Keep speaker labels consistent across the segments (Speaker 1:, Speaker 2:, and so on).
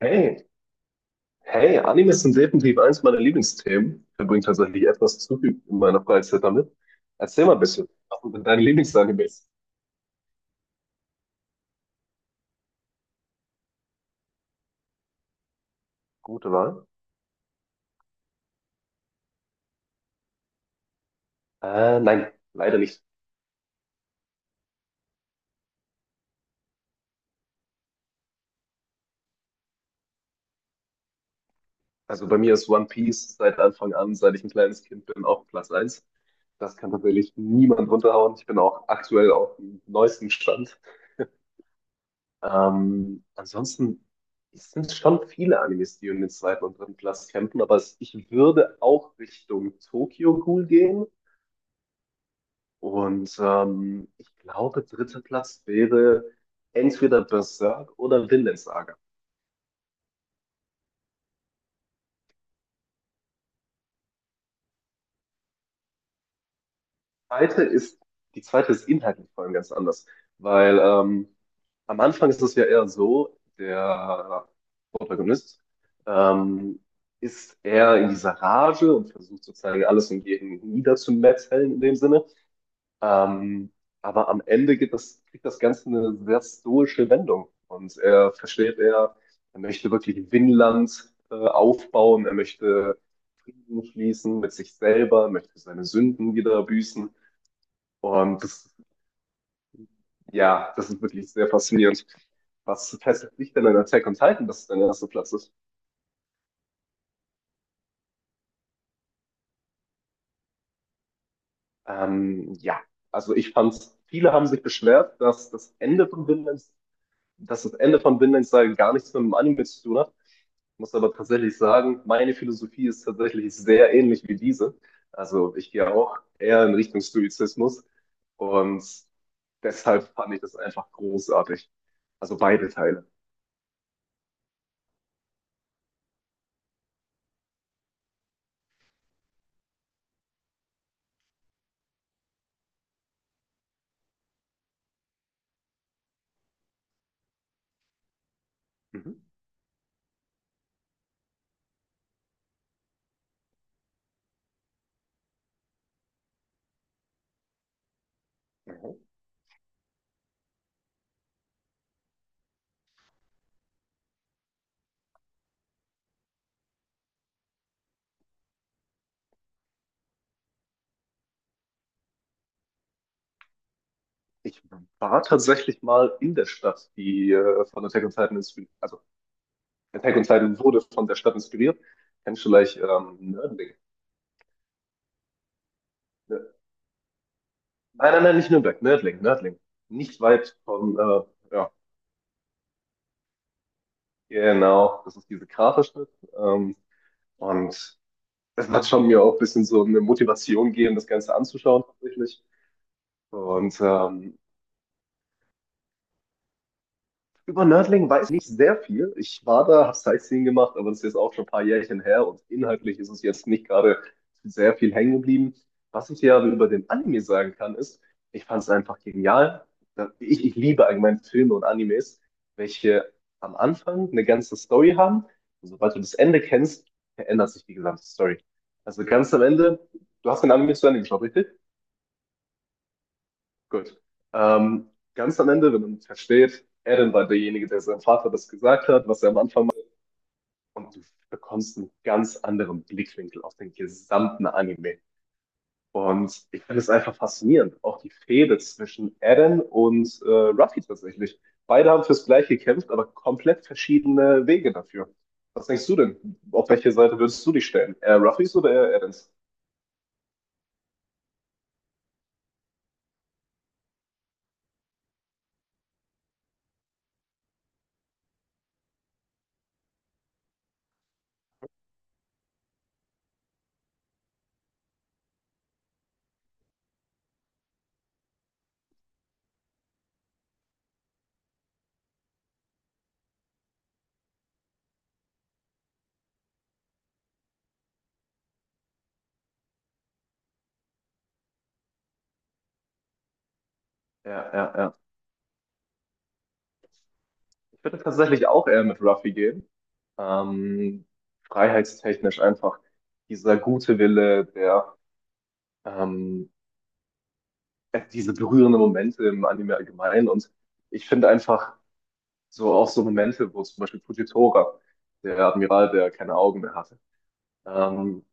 Speaker 1: Hey, hey, Animes sind definitiv eines meiner Lieblingsthemen. Ich verbringe tatsächlich etwas zu viel in meiner Freizeit damit. Erzähl mal ein bisschen. Was sind denn deine Lieblingsanimes? Gute Wahl? Nein, leider nicht. Also bei mir ist One Piece seit Anfang an, seit ich ein kleines Kind bin, auch Platz eins. Das kann tatsächlich niemand runterhauen. Ich bin auch aktuell auf dem neuesten Stand. Ansonsten es sind schon viele Animes, die in den zweiten und dritten Platz kämpfen, aber ich würde auch Richtung Tokyo Ghoul gehen. Und ich glaube, dritter Platz wäre entweder Berserk oder Vinland Saga. Zweite ist, Die zweite ist inhaltlich vor allem ganz anders, weil am Anfang ist es ja eher so, der Protagonist ähm, ist eher in dieser Rage und versucht sozusagen alles und jeden niederzumetzeln in dem Sinne. Ähm, aber am Ende geht das, kriegt das Ganze eine sehr stoische Wendung. Und er versteht, er möchte wirklich Vinland aufbauen, er möchte Frieden schließen mit sich selber, möchte seine Sünden wieder büßen. Und das, ja, das ist wirklich sehr faszinierend. Was fesselt dich denn an Attack on Titan, dass es dein erster Platz ist? Ja, also viele haben sich beschwert, dass das Ende von Vinland Saga gar nichts mit dem Anime zu tun hat. Muss aber tatsächlich sagen, meine Philosophie ist tatsächlich sehr ähnlich wie diese. Also ich gehe auch eher in Richtung Stoizismus und deshalb fand ich das einfach großartig. Also beide Teile. Mhm. Mhm. Ich war tatsächlich mal in der Stadt, die von Attack on Titan inspiriert, also Attack on Titan wurde von der Stadt inspiriert. Kennst du vielleicht Nördling? Nö- Nein, nein, nein, nicht Nürnberg, Nördling, Nördling. Nicht weit von, ja, genau, das ist diese Kraterstadt. Ähm, Und es hat schon mir auch ein bisschen so eine Motivation gegeben, das Ganze anzuschauen tatsächlich. Und ähm, Über Nördlingen weiß ich nicht sehr viel. Ich war da, habe Sightseeing gemacht, aber das ist jetzt auch schon ein paar Jährchen her und inhaltlich ist es jetzt nicht gerade sehr viel hängen geblieben. Was ich dir aber über den Anime sagen kann, ist, ich fand es einfach genial. Ich, ich liebe allgemein Filme und Animes, welche am Anfang eine ganze Story haben. Und sobald du das Ende kennst, verändert sich die gesamte Story. Also ganz am Ende, du hast den Anime zu Ende geschaut, richtig? Gut. Ähm, Ganz am Ende, wenn man es versteht, Eren war derjenige, der seinem Vater das gesagt hat, was er am Anfang macht. Und du bekommst einen ganz anderen Blickwinkel auf den gesamten Anime. Und ich finde es einfach faszinierend. Auch die Fehde zwischen Eren und Ruffy tatsächlich. Beide haben fürs Gleiche gekämpft, aber komplett verschiedene Wege dafür. Was denkst du denn? Auf welche Seite würdest du dich stellen? Eher Ruffys oder eher Erens? Ja, ja, ja. Ich würde tatsächlich auch eher mit Ruffy gehen. Ähm, Freiheitstechnisch einfach dieser gute Wille, der ähm, diese berührenden Momente im Anime allgemein. Und ich finde einfach so auch so Momente, wo zum Beispiel Fujitora, der Admiral, der keine Augen mehr hatte, ähm,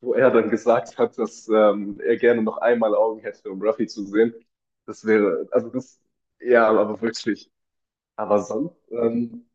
Speaker 1: wo er dann gesagt hat, dass er gerne noch einmal Augen hätte, um Ruffy zu sehen. Das wäre, also das, Ja, aber wirklich. Aber sonst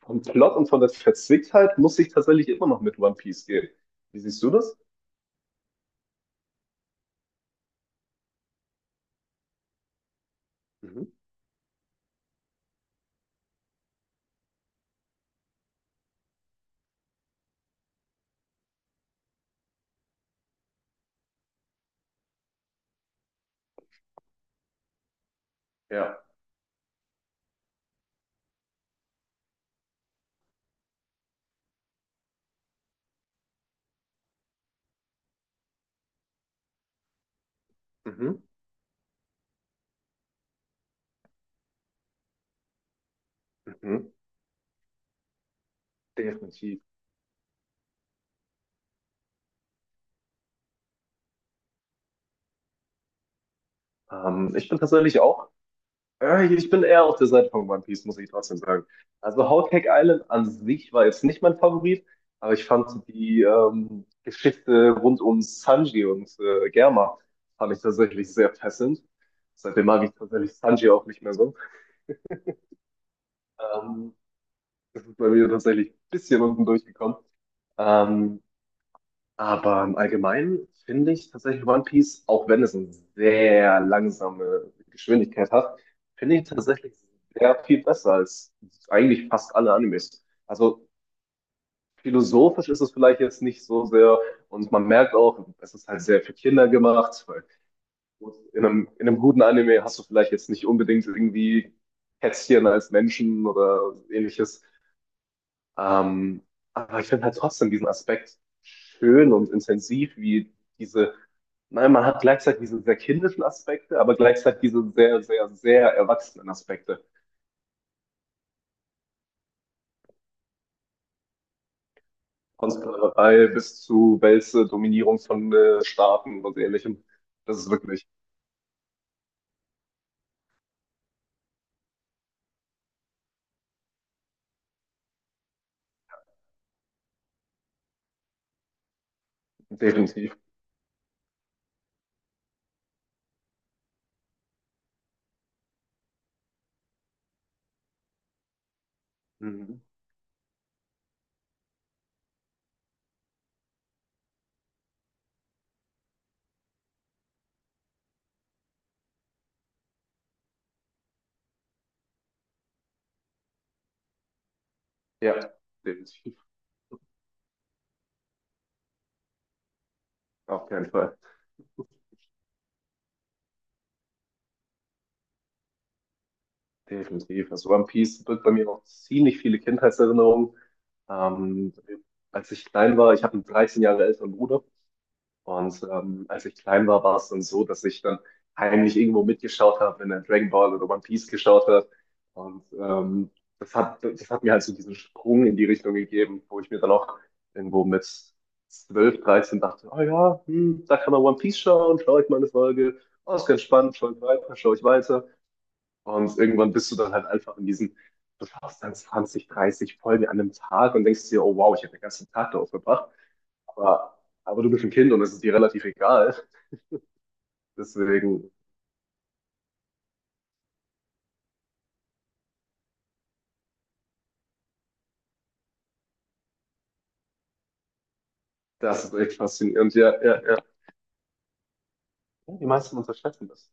Speaker 1: vom Plot und von der Verzwicktheit muss ich tatsächlich immer noch mit One Piece gehen. Wie siehst du das? Mhm. Ja. Mhm. Mhm. Definitiv. Ich bin tatsächlich ich bin eher auf der Seite von One Piece, muss ich trotzdem sagen. Also Whole Cake Island an sich war jetzt nicht mein Favorit, aber ich fand die Geschichte rund um Sanji und Germa fand ich tatsächlich sehr fesselnd. Seitdem mag ich tatsächlich Sanji auch nicht mehr so. Ähm, Das ist bei mir tatsächlich ein bisschen unten durchgekommen. Ähm, Aber im Allgemeinen finde ich tatsächlich One Piece, auch wenn es eine sehr langsame Geschwindigkeit hat, finde ich tatsächlich sehr viel besser als eigentlich fast alle Animes. Also philosophisch ist es vielleicht jetzt nicht so sehr und man merkt auch, es ist halt sehr für Kinder gemacht, weil gut, in einem guten Anime hast du vielleicht jetzt nicht unbedingt irgendwie Kätzchen als Menschen oder ähnliches. Ähm, aber ich finde halt trotzdem diesen Aspekt schön und intensiv, wie diese, nein, man hat gleichzeitig diese sehr kindischen Aspekte, aber gleichzeitig diese sehr, sehr, sehr erwachsenen Aspekte. Von Sklaverei bis zu Wälze, Dominierung von Staaten und ähnlichem. Das ist wirklich definitiv. Mhm. Ja, definitiv. Auf keinen Fall. Definitiv. Also One Piece birgt bei mir noch ziemlich viele Kindheitserinnerungen. Ähm, Als ich klein war, ich habe einen 13 Jahre älteren Bruder. Und als ich klein war, war es dann so, dass ich dann heimlich irgendwo mitgeschaut habe, wenn er Dragon Ball oder One Piece geschaut hat. Und das hat mir halt so diesen Sprung in die Richtung gegeben, wo ich mir dann auch irgendwo mit 12, 13 dachte, oh ja, hm, da kann man One Piece schauen, schaue ich mal eine Folge. Oh, ist ganz spannend, schaue ich weiter, schaue ich weiter. Und irgendwann bist du dann halt einfach in diesen, du schaust dann 20, 30 Folgen an einem Tag und denkst dir, oh wow, ich habe den ganzen Tag darauf verbracht. Aber, aber du bist ein Kind und es ist dir relativ egal. Deswegen, Das ist echt faszinierend. Ja, ja, ja. Die meisten unterschätzen das.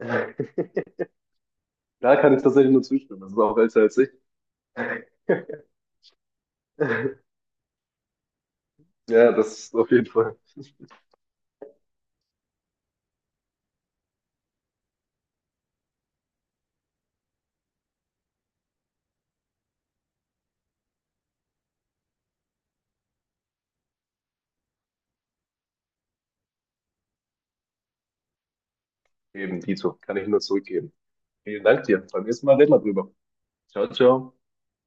Speaker 1: Da kann ich tatsächlich nur zustimmen. Das ist auch älter als ich. Ja, das ist auf jeden Fall eben Dito. Kann ich nur zurückgeben. Vielen Dank dir. Beim nächsten Mal reden wir drüber. Ciao, ciao.